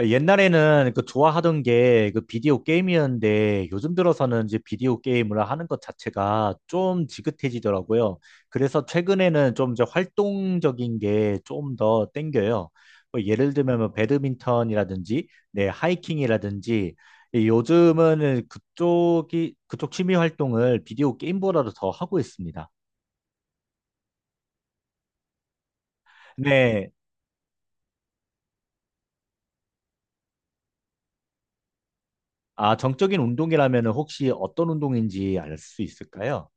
아, 옛날에는 그 좋아하던 게 그 비디오 게임이었는데 요즘 들어서는 이제 비디오 게임을 하는 것 자체가 좀 지긋해지더라고요. 그래서 최근에는 좀 이제 활동적인 게 좀 더 땡겨요. 뭐 예를 들면 뭐 배드민턴이라든지 네, 하이킹이라든지 이 요즘은 그쪽 취미 활동을 비디오 게임보다도 더 하고 있습니다. 네. 아, 정적인 운동이라면 혹시 어떤 운동인지 알 수 있을까요?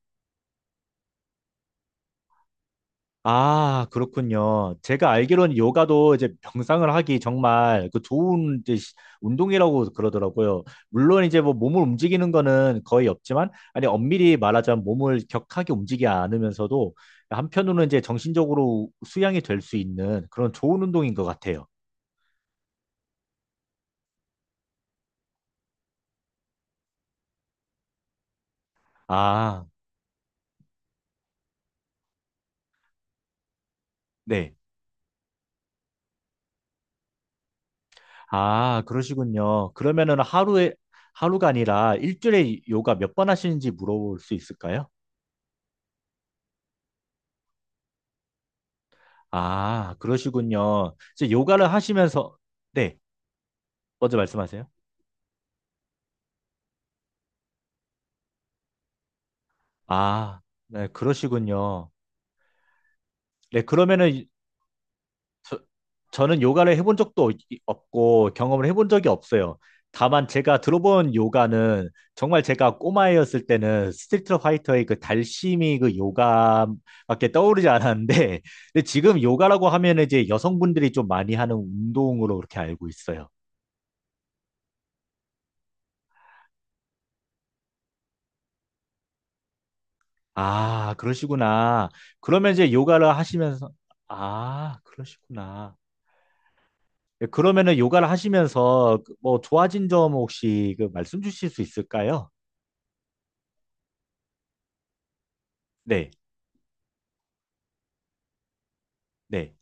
아, 그렇군요. 제가 알기로는 요가도 이제 명상을 하기 정말 그 좋은 이제 운동이라고 그러더라고요. 물론 이제 뭐 몸을 움직이는 거는 거의 없지만, 아니, 엄밀히 말하자면 몸을 격하게 움직이지 않으면서도 한편으로는 이제 정신적으로 수양이 될 수 있는 그런 좋은 운동인 것 같아요. 아, 네. 아, 그러시군요. 그러면은 하루에, 하루가 아니라 일주일에 요가 몇 번 하시는지 물어볼 수 있을까요? 아, 그러시군요. 이제 요가를 하시면서, 네, 먼저 말씀하세요. 아, 네, 그러시군요. 네, 그러면은 저, 저는 요가를 해본 적도 없고 경험을 해본 적이 없어요. 다만 제가 들어본 요가는 정말 제가 꼬마였을 때는 스트리트 파이터의 그 달심이 그 요가밖에 떠오르지 않았는데, 근데 지금 요가라고 하면 이제 여성분들이 좀 많이 하는 운동으로 그렇게 알고 있어요. 아, 그러시구나. 그러면 이제 요가를 하시면서, 아, 그러시구나. 예, 그러면은 요가를 하시면서 그뭐 좋아진 점 혹시 그 말씀 주실 수 있을까요? 네, 네,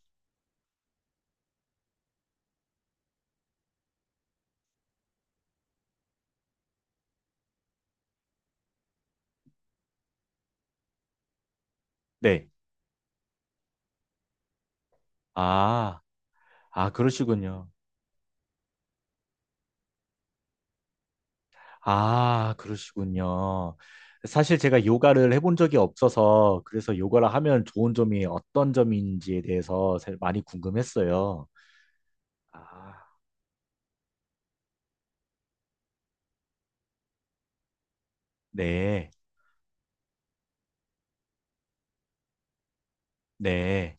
네. 아, 아, 그러시군요. 아, 그러시군요. 사실 제가 요가를 해본 적이 없어서 그래서 요가를 하면 좋은 점이 어떤 점인지에 대해서 사실 많이 궁금했어요. 아, 네, 네.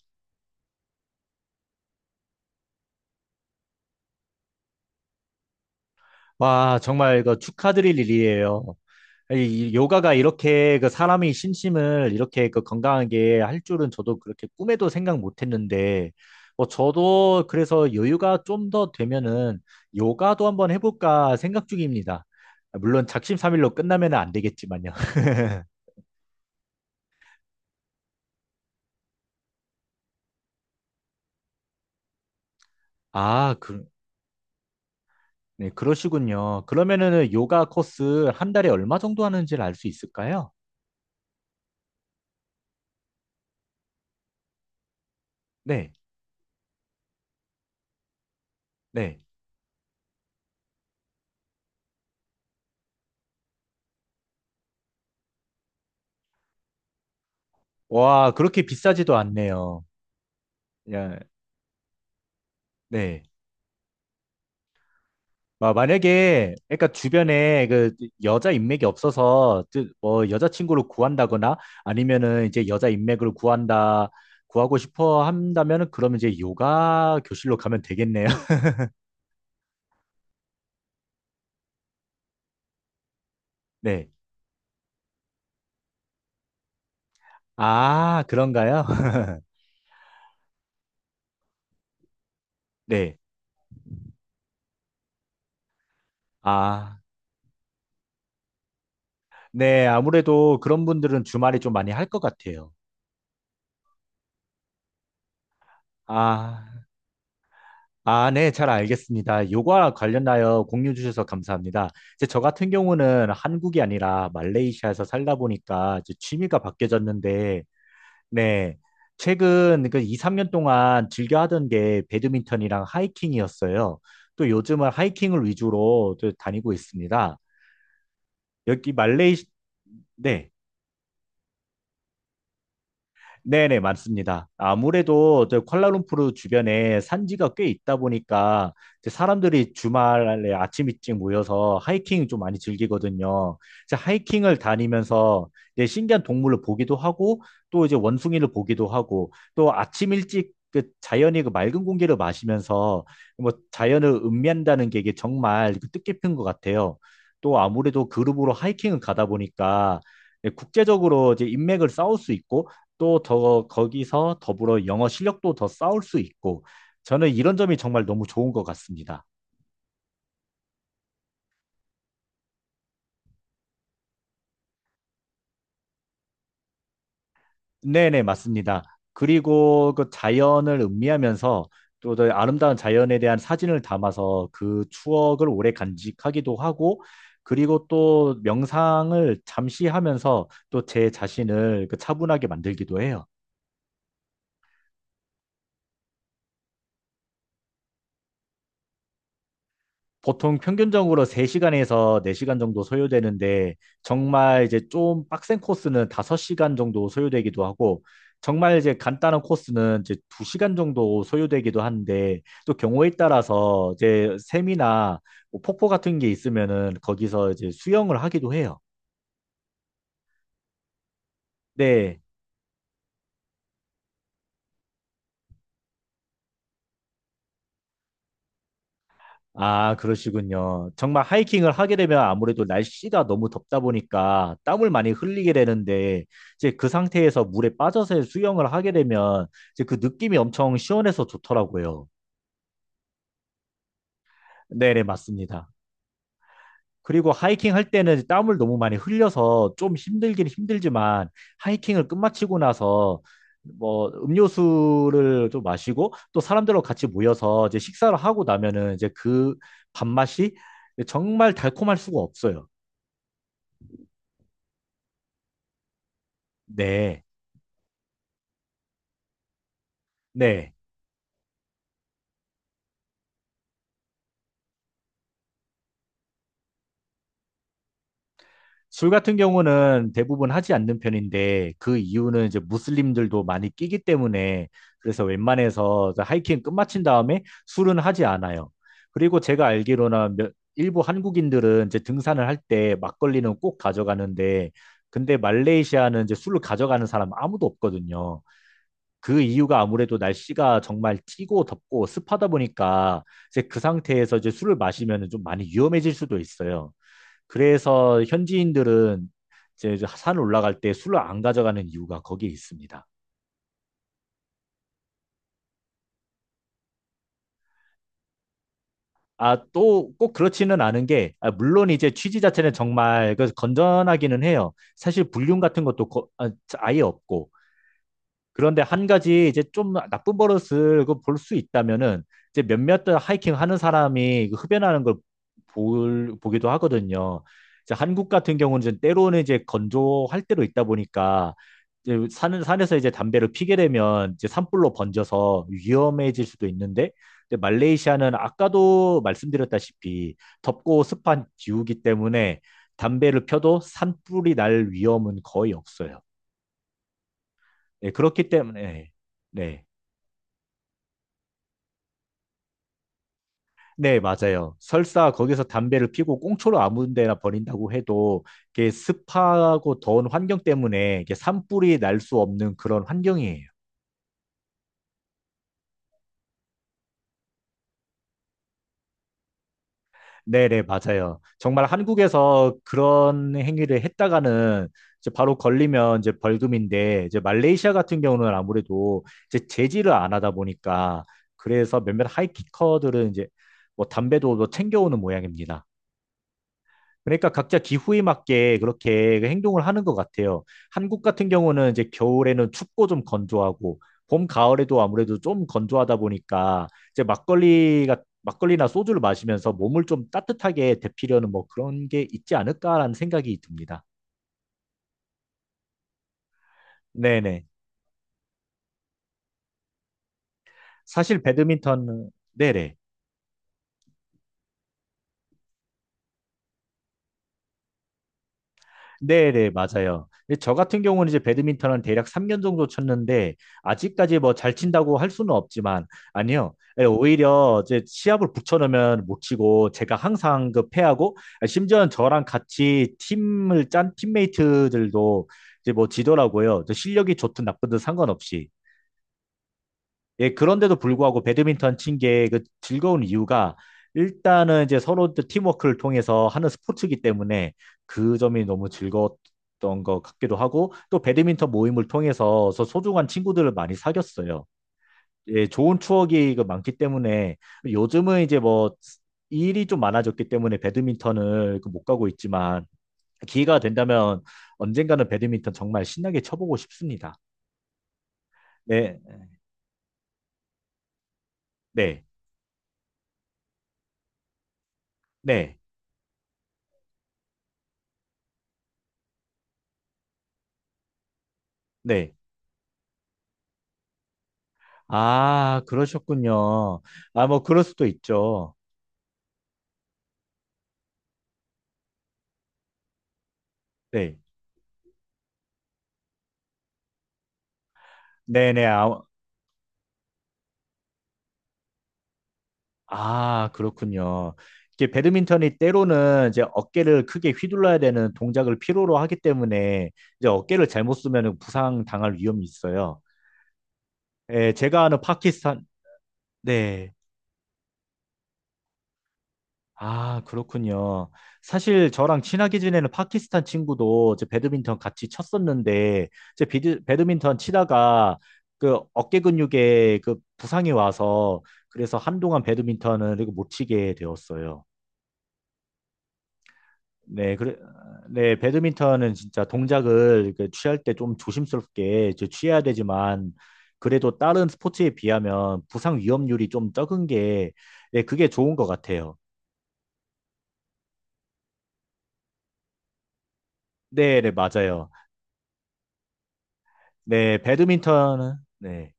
와, 정말 이거 축하드릴 일이에요. 이 요가가 이렇게 그 사람의 심심을 이렇게 그 건강하게 할 줄은 저도 그렇게 꿈에도 생각 못 했는데, 뭐 저도 그래서 여유가 좀 더 되면은 요가도 한번 해볼까 생각 중입니다. 물론 작심삼일로 끝나면 안 되겠지만요. 아, 그, 네, 그러시군요. 그러면은 요가 코스 한 달에 얼마 정도 하는지를 알 수 있을까요? 네, 네. 와, 그렇게 비싸지도 않네요. 야, 네. 아, 만약에 그러니까 주변에 그 여자 인맥이 없어서 그 뭐 여자친구를 구한다거나 아니면은 이제 여자 인맥을 구한다 구하고 싶어 한다면은 그러면 이제 요가 교실로 가면 되겠네요. 네. 아, 그런가요? 네. 아, 네. 아무래도 그런 분들은 주말에 좀 많이 할 것 같아요. 아. 아, 네, 잘 알겠습니다. 요거와 관련하여 공유 주셔서 감사합니다. 이제 저 같은 경우는 한국이 아니라 말레이시아에서 살다 보니까 이제 취미가 바뀌어졌는데, 네, 최근 그 2, 3년 동안 즐겨 하던 게 배드민턴이랑 하이킹이었어요. 또 요즘은 하이킹을 위주로 또 다니고 있습니다. 여기 말레이시, 네. 네네, 맞습니다. 아무래도 저 쿠알라룸푸르 주변에 산지가 꽤 있다 보니까 이제 사람들이 주말에 아침 일찍 모여서 하이킹 좀 많이 즐기거든요. 이제 하이킹을 다니면서 이제 신기한 동물을 보기도 하고 또 이제 원숭이를 보기도 하고 또 아침 일찍 그 자연이 그 맑은 공기를 마시면서 뭐 자연을 음미한다는 게 이게 정말 그 뜻깊은 것 같아요. 또 아무래도 그룹으로 하이킹을 가다 보니까 국제적으로 이제 인맥을 쌓을 수 있고 또 더 거기서 더불어 영어 실력도 더 쌓을 수 있고 저는 이런 점이 정말 너무 좋은 것 같습니다. 네네, 맞습니다. 그리고 그 자연을 음미하면서 또더 아름다운 자연에 대한 사진을 담아서 그 추억을 오래 간직하기도 하고 그리고 또 명상을 잠시 하면서 또 제 자신을 그 차분하게 만들기도 해요. 보통 평균적으로 3시간에서 4시간 정도 소요되는데 정말 이제 좀 빡센 코스는 5시간 정도 소요되기도 하고 정말 이제 간단한 코스는 이제 2시간 정도 소요되기도 하는데 또 경우에 따라서 이제 샘이나 뭐 폭포 같은 게 있으면은 거기서 이제 수영을 하기도 해요. 네. 아, 그러시군요. 정말 하이킹을 하게 되면 아무래도 날씨가 너무 덥다 보니까 땀을 많이 흘리게 되는데 이제 그 상태에서 물에 빠져서 수영을 하게 되면 이제 그 느낌이 엄청 시원해서 좋더라고요. 네네, 맞습니다. 그리고 하이킹 할 때는 땀을 너무 많이 흘려서 좀 힘들긴 힘들지만 하이킹을 끝마치고 나서 뭐 음료수를 좀 마시고 또 사람들하고 같이 모여서 이제 식사를 하고 나면은 이제 그 밥맛이 정말 달콤할 수가 없어요. 네, 네. 술 같은 경우는 대부분 하지 않는 편인데 그 이유는 이제 무슬림들도 많이 끼기 때문에 그래서 웬만해서 하이킹 끝마친 다음에 술은 하지 않아요. 그리고 제가 알기로는 일부 한국인들은 이제 등산을 할 때 막걸리는 꼭 가져가는데 근데 말레이시아는 이제 술을 가져가는 사람 아무도 없거든요. 그 이유가 아무래도 날씨가 정말 찌고 덥고 습하다 보니까 이제 그 상태에서 이제 술을 마시면 좀 많이 위험해질 수도 있어요. 그래서 현지인들은 이제 저산 올라갈 때 술을 안 가져가는 이유가 거기에 있습니다. 아, 또 꼭 그렇지는 않은 게, 아, 물론 이제 취지 자체는 정말 그 건전하기는 해요. 사실 불륜 같은 것도 아예 없고, 그런데 한 가지 이제 좀 나쁜 버릇을 그 볼수 있다면은 이제 몇몇 하이킹 하는 사람이 그 흡연하는 걸 보기도 하거든요. 이제 한국 같은 경우는 이제 때로는 이제 건조할 때로 있다 보니까 이제 산에서 이제 담배를 피게 되면 이제 산불로 번져서 위험해질 수도 있는데 근데 말레이시아는 아까도 말씀드렸다시피 덥고 습한 기후기 때문에 담배를 펴도 산불이 날 위험은 거의 없어요. 네, 그렇기 때문에 네. 네, 맞아요. 설사 거기서 담배를 피고 꽁초로 아무 데나 버린다고 해도 이게 습하고 더운 환경 때문에 이게 산불이 날 수 없는 그런 환경이에요. 네, 네, 맞아요. 정말 한국에서 그런 행위를 했다가는 이제 바로 걸리면 이제 벌금인데 이제 말레이시아 같은 경우는 아무래도 이제 제지를 안 하다 보니까 그래서 몇몇 하이킥커들은 이제 뭐 담배도 뭐 챙겨오는 모양입니다. 그러니까 각자 기후에 맞게 그렇게 행동을 하는 것 같아요. 한국 같은 경우는 이제 겨울에는 춥고 좀 건조하고 봄, 가을에도 아무래도 좀 건조하다 보니까 이제 막걸리가 막걸리나 소주를 마시면서 몸을 좀 따뜻하게 데피려는 뭐 그런 게 있지 않을까라는 생각이 듭니다. 네네. 사실 배드민턴, 네네. 네네, 맞아요. 근데 저 같은 경우는 이제 배드민턴은 대략 3년 정도 쳤는데, 아직까지 뭐 잘 친다고 할 수는 없지만, 아니요. 예, 오히려 이제 시합을 붙여놓으면 못 치고, 제가 항상 그 패하고, 예, 심지어 저랑 같이 팀을 짠 팀메이트들도 이제 뭐 지더라고요. 저 실력이 좋든 나쁘든 상관없이. 예, 그런데도 불구하고 배드민턴 친게 그 즐거운 이유가 일단은 이제 서로 또 팀워크를 통해서 하는 스포츠이기 때문에 그 점이 너무 즐거웠던 것 같기도 하고 또 배드민턴 모임을 통해서 소중한 친구들을 많이 사귀었어요. 예, 좋은 추억이 그 많기 때문에 요즘은 이제 뭐 일이 좀 많아졌기 때문에 배드민턴을 그못 가고 있지만 기회가 된다면 언젠가는 배드민턴 정말 신나게 쳐보고 싶습니다. 네, 네, 네, 네. 아, 그러셨군요. 아, 뭐, 그럴 수도 있죠. 네. 네네. 아, 아, 그렇군요. 이게 배드민턴이 때로는 이제 어깨를 크게 휘둘러야 되는 동작을 필요로 하기 때문에 이제 어깨를 잘못 쓰면 부상 당할 위험이 있어요. 예, 제가 아는 파키스탄, 네. 아, 그렇군요. 사실 저랑 친하게 지내는 파키스탄 친구도 제 배드민턴 같이 쳤었는데, 배드민턴 치다가 그 어깨 근육에 그 부상이 와서 그래서 한동안 배드민턴을 이거 못 치게 되었어요. 네, 그래, 네, 배드민턴은 진짜 동작을 그 취할 때 좀 조심스럽게 이제 취해야 되지만, 그래도 다른 스포츠에 비하면 부상 위험률이 좀 적은 게, 네, 그게 좋은 것 같아요. 네, 네, 맞아요. 네, 배드민턴은 네.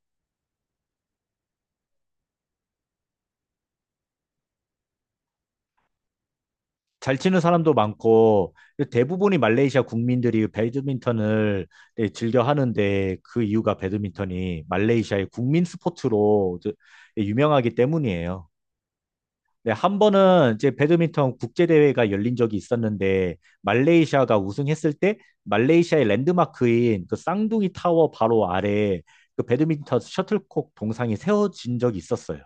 잘 치는 사람도 많고 대부분이 말레이시아 국민들이 배드민턴을 네, 즐겨 하는데 그 이유가 배드민턴이 말레이시아의 국민 스포츠로 유명하기 때문이에요. 네, 한 번은 이제 배드민턴 국제대회가 열린 적이 있었는데 말레이시아가 우승했을 때 말레이시아의 랜드마크인 그 쌍둥이 타워 바로 아래 그 배드민턴 셔틀콕 동상이 세워진 적이 있었어요.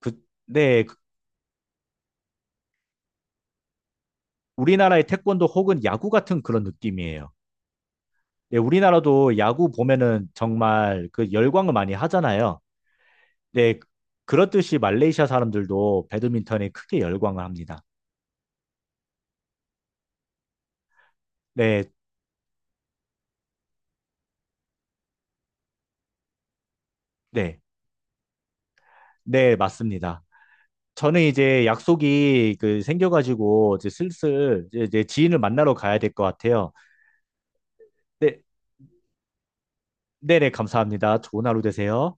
그, 네, 그 우리나라의 태권도 혹은 야구 같은 그런 느낌이에요. 네, 우리나라도 야구 보면은 정말 그 열광을 많이 하잖아요. 네, 그렇듯이 말레이시아 사람들도 배드민턴에 크게 열광을 합니다. 네, 네, 네, 맞습니다. 저는 이제 약속이 그 생겨가지고 이제 슬슬 이제 지인을 만나러 가야 될 것 같아요. 네, 네네, 감사합니다. 좋은 하루 되세요.